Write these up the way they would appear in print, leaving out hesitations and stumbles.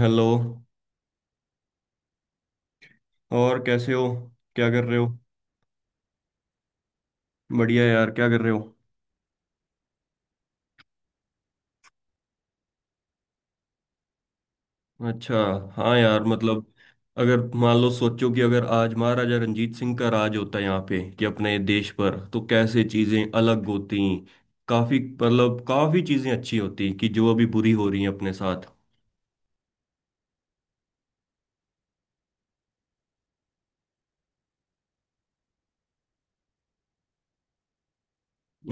Hello. और कैसे हो? क्या कर रहे हो? बढ़िया यार, क्या कर रहे हो? अच्छा। हाँ यार, मतलब अगर मान लो, सोचो कि अगर आज महाराजा रंजीत सिंह का राज होता है यहाँ पे, कि अपने देश पर, तो कैसे चीजें अलग होती। काफी मतलब काफी चीजें अच्छी होती कि जो अभी बुरी हो रही हैं अपने साथ।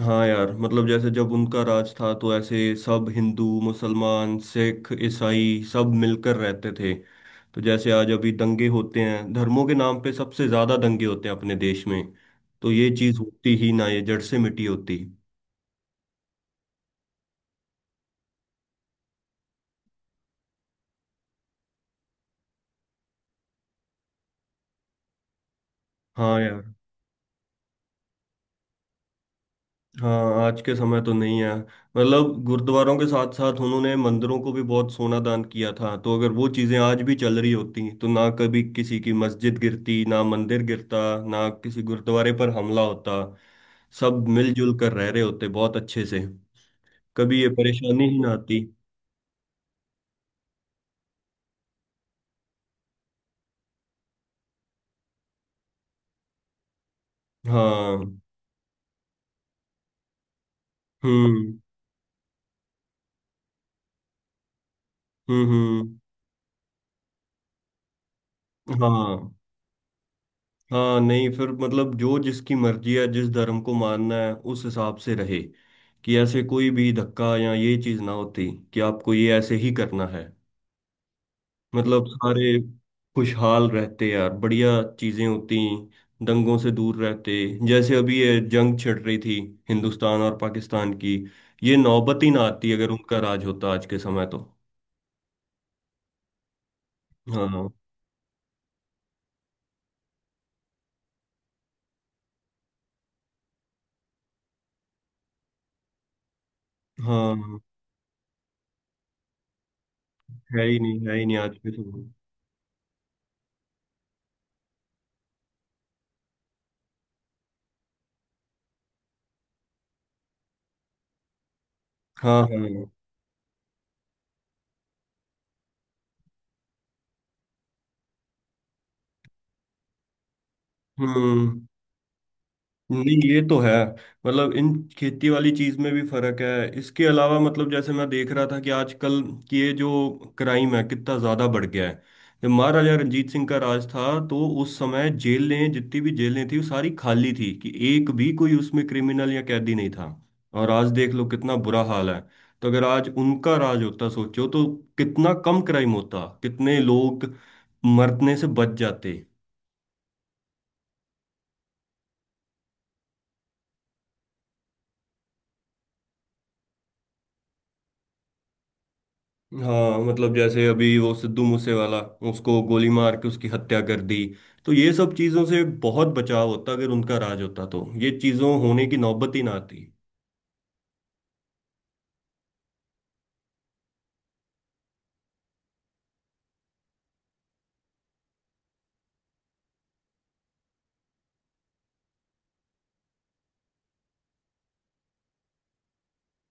हाँ यार, मतलब जैसे जब उनका राज था तो ऐसे सब हिंदू मुसलमान सिख ईसाई सब मिलकर रहते थे। तो जैसे आज अभी दंगे होते हैं धर्मों के नाम पे, सबसे ज्यादा दंगे होते हैं अपने देश में। तो ये चीज होती ही ना, ये जड़ से मिटी होती। हाँ यार। हाँ, आज के समय तो नहीं है। मतलब गुरुद्वारों के साथ साथ उन्होंने मंदिरों को भी बहुत सोना दान किया था, तो अगर वो चीजें आज भी चल रही होती तो ना कभी किसी की मस्जिद गिरती ना मंदिर गिरता, ना किसी गुरुद्वारे पर हमला होता। सब मिलजुल कर रह रहे होते बहुत अच्छे से। कभी ये परेशानी ही ना आती। हाँ। हम्म। हम्म। हम्म। हाँ। हाँ, नहीं फिर मतलब जो जिसकी मर्जी है जिस धर्म को मानना है उस हिसाब से रहे। कि ऐसे कोई भी धक्का या ये चीज ना होती, कि आपको ये ऐसे ही करना है। मतलब सारे खुशहाल रहते यार, बढ़िया चीजें होती, दंगों से दूर रहते। जैसे अभी ये जंग छिड़ रही थी हिंदुस्तान और पाकिस्तान की, ये नौबत ही ना आती अगर उनका राज होता आज के समय तो। हाँ हाँ, है ही नहीं, है ही नहीं आज के समय। हाँ हाँ। हम्म। नहीं, ये तो है। मतलब इन खेती वाली चीज में भी फर्क है। इसके अलावा मतलब जैसे मैं देख रहा था कि आजकल कि ये जो क्राइम है कितना ज्यादा बढ़ गया है। जब महाराजा रंजीत सिंह का राज था तो उस समय जेलें, जितनी भी जेलें थी वो सारी खाली थी, कि एक भी कोई उसमें क्रिमिनल या कैदी नहीं था। और आज देख लो कितना बुरा हाल है। तो अगर आज उनका राज होता सोचो, तो कितना कम क्राइम होता, कितने लोग मरने से बच जाते। हाँ मतलब जैसे अभी वो सिद्धू मूसे वाला, उसको गोली मार के उसकी हत्या कर दी। तो ये सब चीजों से बहुत बचाव होता अगर उनका राज होता, तो ये चीजों होने की नौबत ही ना आती।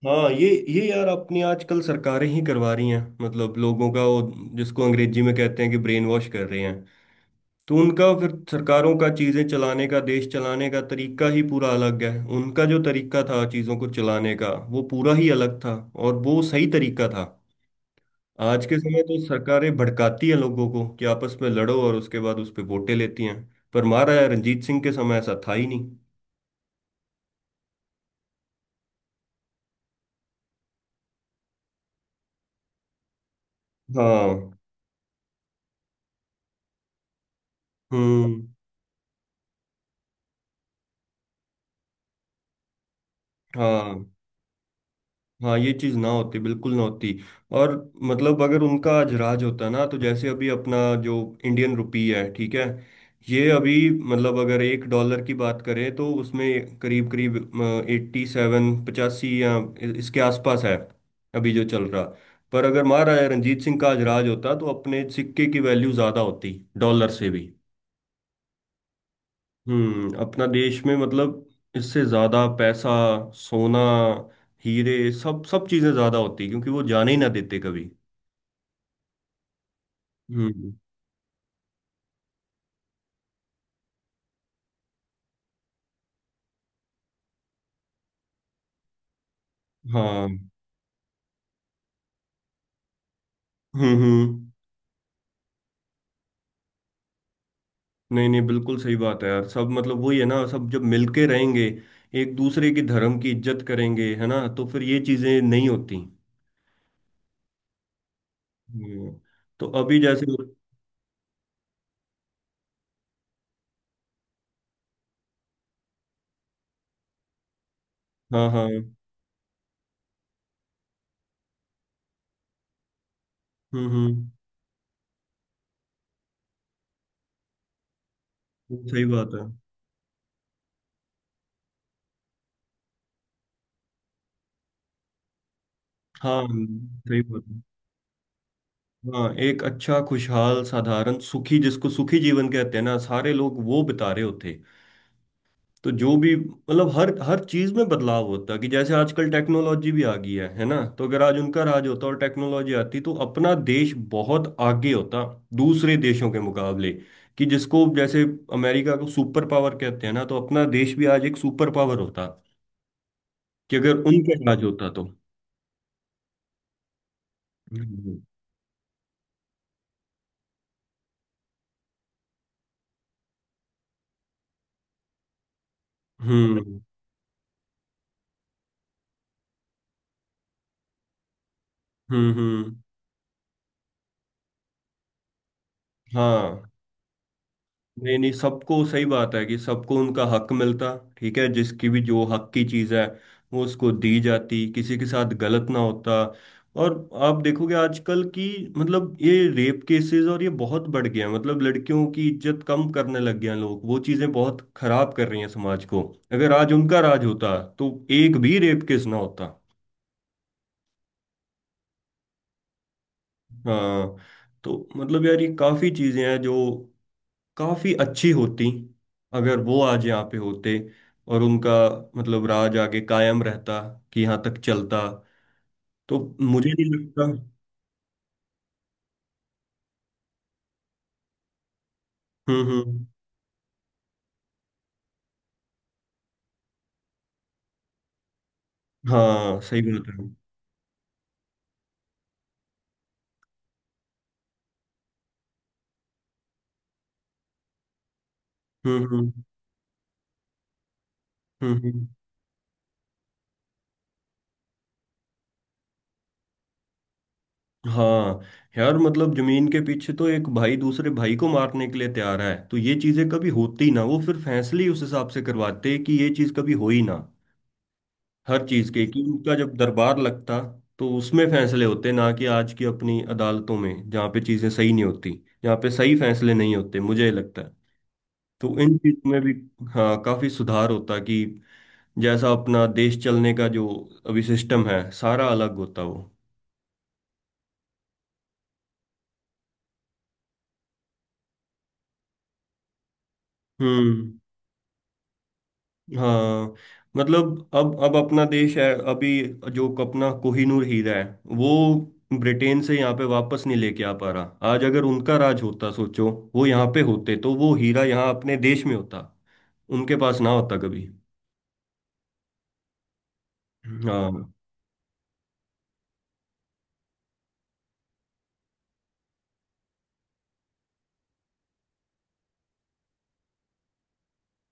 हाँ, ये यार अपनी आजकल सरकारें ही करवा रही हैं। मतलब लोगों का वो जिसको अंग्रेजी में कहते हैं कि ब्रेन वॉश कर रहे हैं। तो उनका फिर सरकारों का चीजें चलाने का, देश चलाने का तरीका ही पूरा अलग है। उनका जो तरीका था चीजों को चलाने का वो पूरा ही अलग था, और वो सही तरीका था। आज के समय तो सरकारें भड़काती हैं लोगों को, कि आपस में लड़ो, और उसके बाद उस पे वोटें लेती हैं। पर मारा है, रणजीत सिंह के समय ऐसा था ही नहीं। हाँ। हम्म। हाँ। हाँ, ये चीज ना होती, बिल्कुल ना होती। और मतलब अगर उनका आज राज होता ना, तो जैसे अभी अपना जो इंडियन रुपी है, ठीक है, ये अभी मतलब अगर 1 डॉलर की बात करें तो उसमें करीब करीब 87 85 या इसके आसपास है अभी जो चल रहा। पर अगर महाराजा रंजीत सिंह का आज राज होता तो अपने सिक्के की वैल्यू ज्यादा होती डॉलर से भी। हम्म, अपना देश में मतलब इससे ज्यादा पैसा, सोना, हीरे, सब सब चीजें ज्यादा होती, क्योंकि वो जाने ही ना देते कभी। हम्म। हाँ। हम्म। हम्म। नहीं नहीं, बिल्कुल सही बात है यार। सब मतलब वही है ना, सब जब मिलके रहेंगे, एक दूसरे के धर्म की इज्जत करेंगे, है ना, तो फिर ये चीजें नहीं होती। हम्म, तो अभी जैसे हाँ हाँ। हम्म। हम्म। सही बात है। हाँ सही बात। हाँ, एक अच्छा खुशहाल साधारण सुखी, जिसको सुखी जीवन कहते हैं ना, सारे लोग वो बिता रहे होते। तो जो भी मतलब हर हर चीज में बदलाव होता, कि जैसे आजकल टेक्नोलॉजी भी आ गई है ना, तो अगर आज उनका राज होता और टेक्नोलॉजी आती तो अपना देश बहुत आगे होता दूसरे देशों के मुकाबले। कि जिसको जैसे अमेरिका को सुपर पावर कहते हैं ना, तो अपना देश भी आज एक सुपर पावर होता, कि अगर उनका राज होता तो। हम्म। हम्म। हम्म। हम्म, हाँ। नहीं नहीं, सबको, सही बात है कि सबको उनका हक मिलता, ठीक है। जिसकी भी जो हक की चीज है वो उसको दी जाती, किसी के साथ गलत ना होता। और आप देखोगे आजकल की, मतलब ये रेप केसेस और ये बहुत बढ़ गया है, मतलब लड़कियों की इज्जत कम करने लग गए हैं लोग, वो चीजें बहुत खराब कर रही हैं समाज को। अगर आज उनका राज होता तो एक भी रेप केस ना होता। हाँ। तो मतलब यार ये काफी चीजें हैं जो काफी अच्छी होती, अगर वो आज यहाँ पे होते, और उनका मतलब राज आगे कायम रहता, कि यहाँ तक चलता तो। मुझे नहीं लगता। हम्म। हम्म। हाँ सही बात है। हम्म। हम्म। हम्म। हम्म। हाँ यार, मतलब जमीन के पीछे तो एक भाई दूसरे भाई को मारने के लिए तैयार है, तो ये चीजें कभी होती ना, वो फिर फैसले ही उस हिसाब से करवाते कि ये चीज कभी हो ही ना। हर चीज के, कि उनका जब दरबार लगता तो उसमें फैसले होते ना, कि आज की अपनी अदालतों में जहाँ पे चीजें सही नहीं होती, जहाँ पे सही फैसले नहीं होते, मुझे लगता है। तो इन चीजों में भी हाँ काफी सुधार होता, कि जैसा अपना देश चलने का जो अभी सिस्टम है सारा अलग होता वो। हम्म। हाँ मतलब अब अपना देश है। अभी जो अपना कोहिनूर हीरा है, वो ब्रिटेन से यहाँ पे वापस नहीं लेके आ पा रहा। आज अगर उनका राज होता सोचो, वो यहाँ पे होते तो वो हीरा यहाँ अपने देश में होता, उनके पास ना होता कभी। हाँ।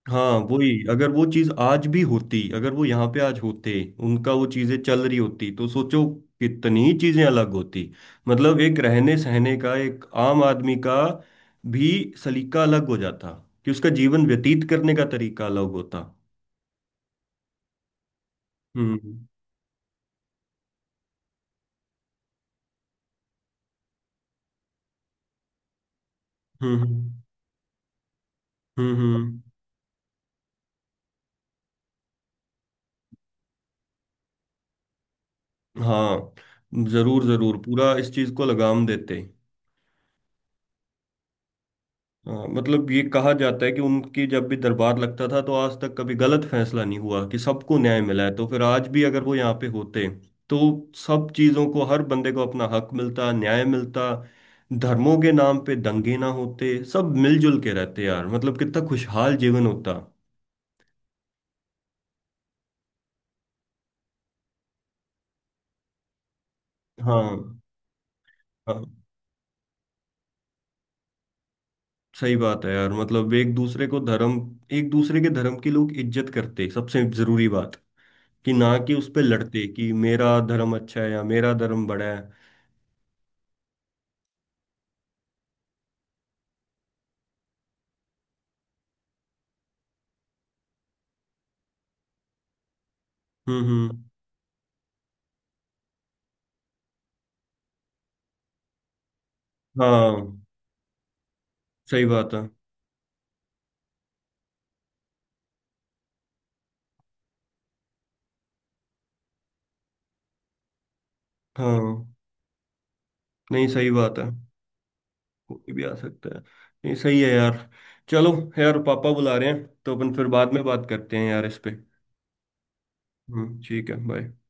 हाँ वही, अगर वो चीज आज भी होती, अगर वो यहाँ पे आज होते, उनका वो चीजें चल रही होती, तो सोचो कितनी चीजें अलग होती। मतलब एक रहने सहने का, एक आम आदमी का भी सलीका अलग हो जाता, कि उसका जीवन व्यतीत करने का तरीका अलग होता। हम्म। हम्म। हम्म। हम्म। हम्म। हाँ, जरूर जरूर पूरा इस चीज को लगाम देते। हाँ मतलब ये कहा जाता है कि उनकी जब भी दरबार लगता था तो आज तक कभी गलत फैसला नहीं हुआ, कि सबको न्याय मिला है। तो फिर आज भी अगर वो यहाँ पे होते तो सब चीज़ों को, हर बंदे को अपना हक मिलता, न्याय मिलता। धर्मों के नाम पे दंगे ना होते, सब मिलजुल के रहते यार, मतलब कितना खुशहाल जीवन होता। हाँ हाँ। सही बात है यार, मतलब एक दूसरे को धर्म, एक दूसरे के धर्म की लोग इज्जत करते, सबसे जरूरी बात। कि ना कि उस पे लड़ते कि मेरा धर्म अच्छा है या मेरा धर्म बड़ा है। हम्म। हम्म। हाँ सही बात है। हाँ। नहीं सही बात है। कोई भी आ सकता है। नहीं सही है यार। चलो, यार पापा बुला रहे हैं तो अपन फिर बाद में बात करते हैं यार इस पे। हम्म, ठीक है, बाय।